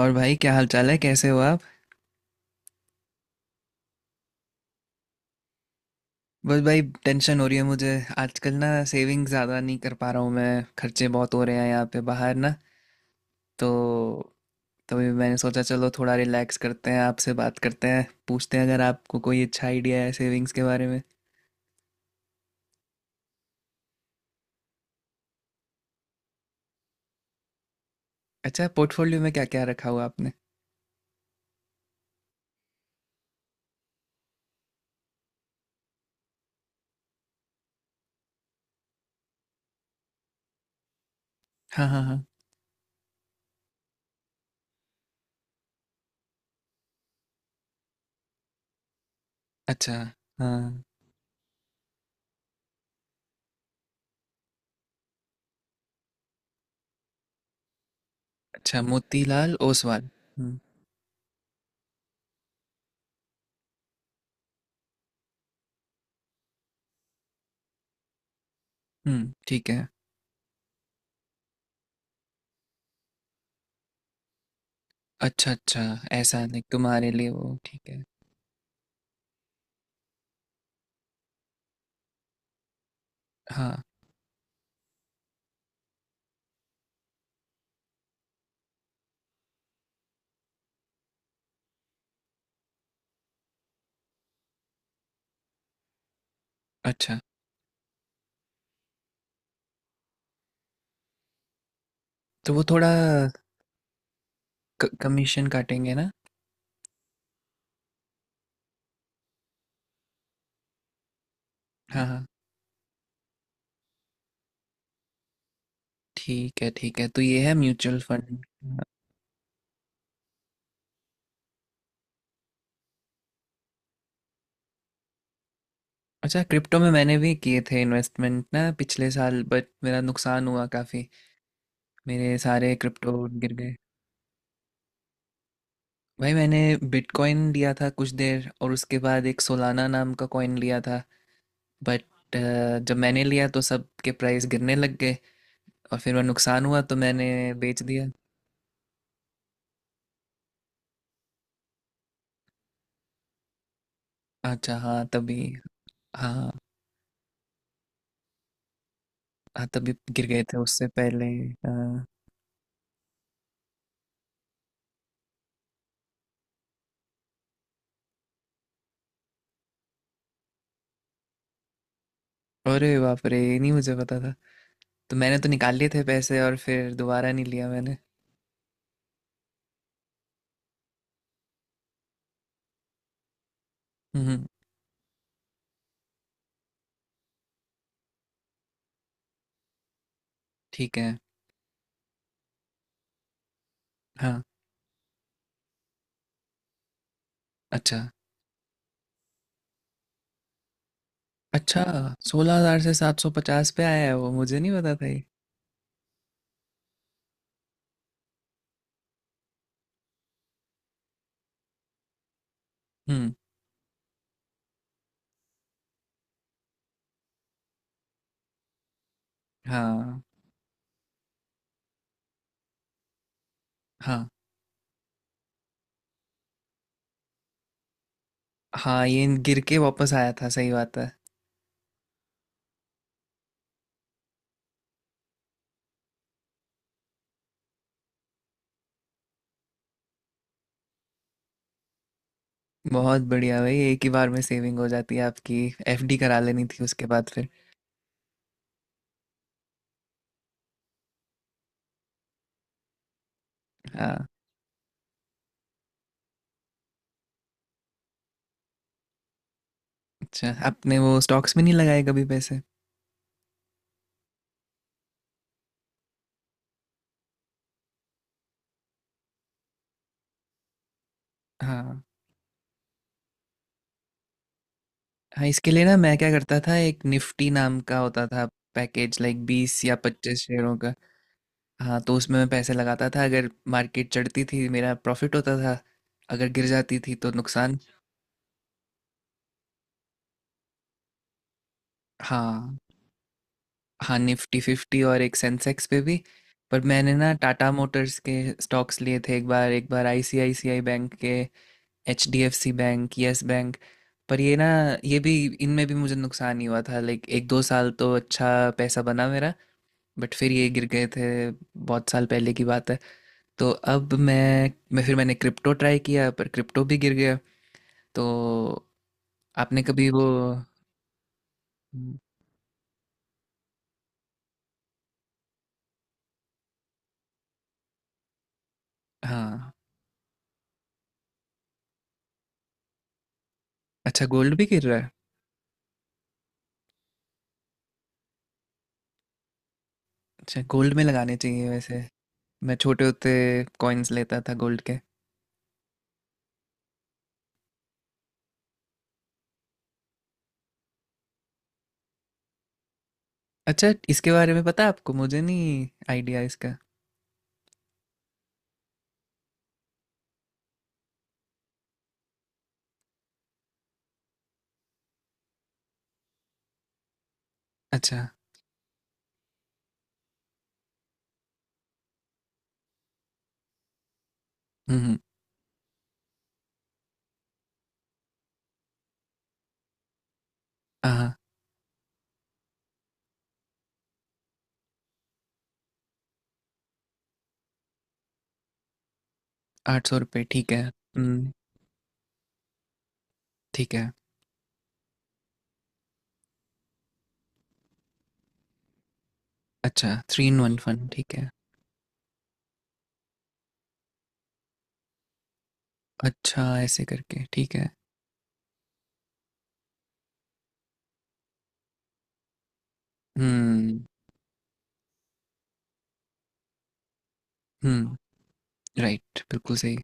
और भाई, क्या हाल चाल है? कैसे हो आप? बस भाई टेंशन हो रही है मुझे। आजकल ना सेविंग ज़्यादा नहीं कर पा रहा हूँ मैं, खर्चे बहुत हो रहे हैं यहाँ पे बाहर ना। तो तभी मैंने सोचा चलो थोड़ा रिलैक्स करते हैं, आपसे बात करते हैं, पूछते हैं अगर आपको कोई अच्छा आइडिया है सेविंग्स के बारे में। अच्छा, पोर्टफोलियो में क्या क्या रखा हुआ आपने? हाँ हाँ हाँ। अच्छा। हाँ। अच्छा, मोतीलाल ओसवाल। हम्म। हम्म, ठीक है। अच्छा, अच्छा। ऐसा नहीं, तुम्हारे लिए वो ठीक है। हाँ। अच्छा। तो वो थोड़ा कमीशन काटेंगे ना? हाँ हाँ। ठीक है, ठीक है, तो ये है म्यूचुअल फंड। अच्छा, क्रिप्टो में मैंने भी किए थे इन्वेस्टमेंट ना पिछले साल, बट मेरा नुकसान हुआ काफ़ी। मेरे सारे क्रिप्टो गिर गए। भाई मैंने बिटकॉइन लिया था कुछ देर और उसके बाद एक सोलाना नाम का कॉइन लिया था। बट जब मैंने लिया तो सब के प्राइस गिरने लग गए और फिर मेरा नुकसान हुआ तो मैंने बेच दिया। अच्छा, हाँ तभी। हाँ। हाँ तभी गिर गए थे उससे पहले। हाँ। अरे बाप रे, ये नहीं मुझे पता था। तो मैंने तो निकाल लिए थे पैसे और फिर दोबारा नहीं लिया मैंने। हम्म। ठीक है। हाँ। अच्छा। अच्छा, 16,000 से 750 पे आया है वो, मुझे नहीं पता था ये। हम्म। हाँ हाँ हाँ, ये गिर के वापस आया था, सही बात है। बहुत बढ़िया भाई, एक ही बार में सेविंग हो जाती है आपकी। एफडी करा लेनी थी उसके बाद फिर। हाँ। अच्छा, आपने वो स्टॉक्स में नहीं लगाए कभी पैसे? हाँ। हाँ, इसके लिए ना मैं क्या करता था, एक निफ्टी नाम का होता था, पैकेज लाइक 20 या 25 शेयरों का। हाँ, तो उसमें मैं पैसे लगाता था। अगर मार्केट चढ़ती थी मेरा प्रॉफिट होता था, अगर गिर जाती थी तो नुकसान। हाँ। हाँ, निफ्टी फिफ्टी और एक सेंसेक्स पे भी। पर मैंने ना टाटा मोटर्स के स्टॉक्स लिए थे एक बार आईसीआईसीआई बैंक के, एचडीएफसी बैंक, यस बैंक। पर ये ना, ये भी, इनमें भी मुझे नुकसान ही हुआ था। लाइक एक दो साल तो अच्छा पैसा बना मेरा, बट फिर ये गिर गए थे। बहुत साल पहले की बात है। तो अब मैं फिर मैंने क्रिप्टो ट्राई किया, पर क्रिप्टो भी गिर गया। तो आपने कभी वो। हम्म। हाँ। अच्छा, गोल्ड भी गिर रहा है? अच्छा, गोल्ड में लगाने चाहिए वैसे। मैं छोटे होते कॉइन्स लेता था गोल्ड के। अच्छा, इसके बारे में पता है आपको? मुझे नहीं आइडिया इसका। अच्छा। हम्म। हाँ, 800 रुपये ठीक है। हम्म, ठीक है। अच्छा, थ्री इन वन फन, ठीक है। अच्छा, ऐसे करके ठीक है। हम्म हम्म। राइट, बिल्कुल सही।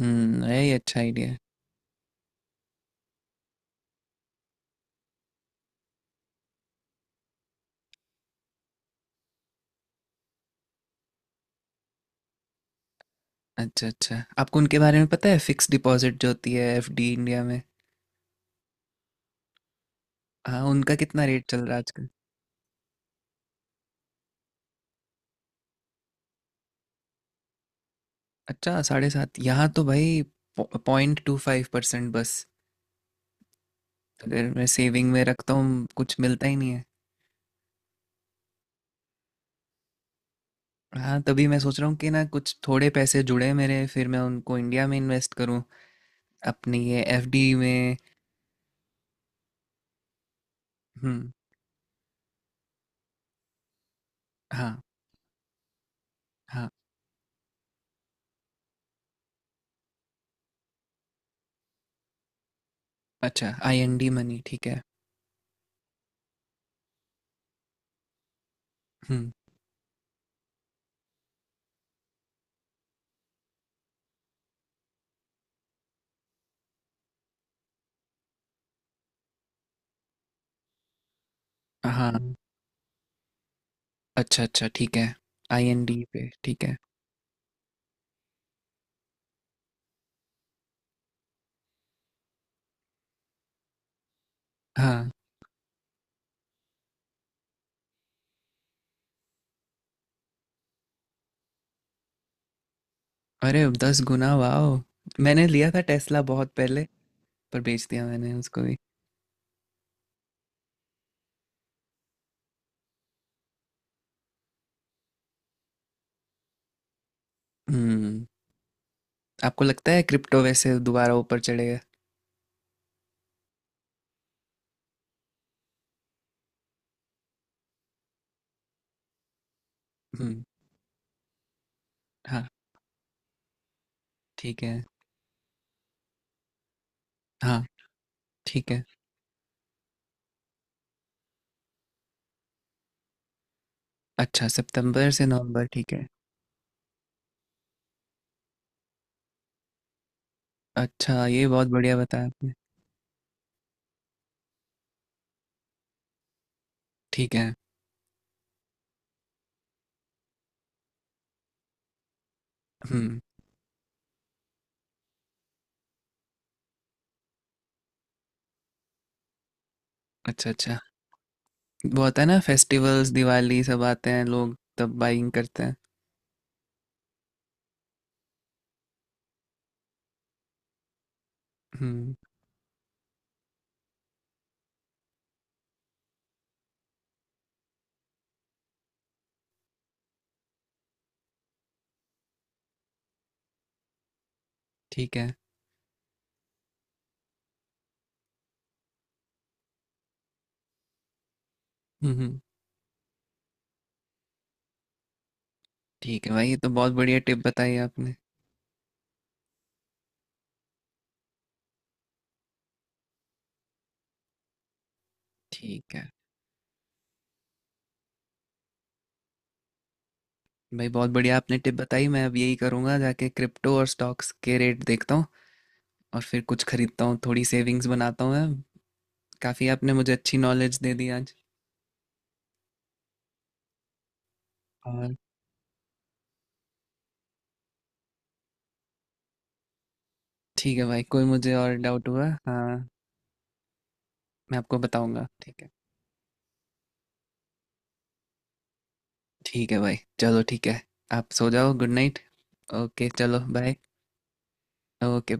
हम्म, यही अच्छा आइडिया है। अच्छा, अच्छा, आपको उनके बारे में पता है, फिक्स डिपॉजिट जो होती है एफडी इंडिया में? हाँ, उनका कितना रेट चल रहा है आजकल? अच्छा, 7.5? यहाँ तो भाई पॉ 0.25% बस। अगर मैं सेविंग में रखता हूँ, कुछ मिलता ही नहीं है। हाँ, तभी मैं सोच रहा हूँ कि ना, कुछ थोड़े पैसे जुड़े मेरे, फिर मैं उनको इंडिया में इन्वेस्ट करूँ, अपनी ये एफडी में। हुँ, हाँ, हाँ। अच्छा, आईएनडी मनी, ठीक है। हुँ, हाँ, अच्छा, अच्छा, ठीक है। आईएनडी पे, ठीक है। हाँ, अरे 10 गुना, वॉव! मैंने लिया था टेस्ला बहुत पहले, पर बेच दिया मैंने उसको भी। हुँ। आपको लगता है क्रिप्टो वैसे दोबारा ऊपर चढ़ेगा? हम्म। हाँ। ठीक है। हाँ। ठीक है। अच्छा, सितंबर से नवंबर, ठीक है। अच्छा, ये बहुत बढ़िया बताया आपने। ठीक है। हम्म। अच्छा, अच्छा। वो होता है ना, फेस्टिवल्स, दिवाली, सब आते हैं लोग तब बाइंग करते हैं। हम्म। ठीक है। हम्म, हम्म। ठीक है भाई, ये तो बहुत बढ़िया टिप बताई आपने। ठीक है भाई, बहुत बढ़िया आपने टिप बताई। मैं अब यही करूँगा, जाके क्रिप्टो और स्टॉक्स के रेट देखता हूँ और फिर कुछ खरीदता हूँ, थोड़ी सेविंग्स बनाता हूँ मैं। काफ़ी आपने मुझे अच्छी नॉलेज दे दी आज। और ठीक है भाई, कोई मुझे और डाउट हुआ हाँ, मैं आपको बताऊंगा, ठीक है। ठीक है भाई, चलो ठीक है। आप सो जाओ, गुड नाइट। ओके, चलो बाय। ओके।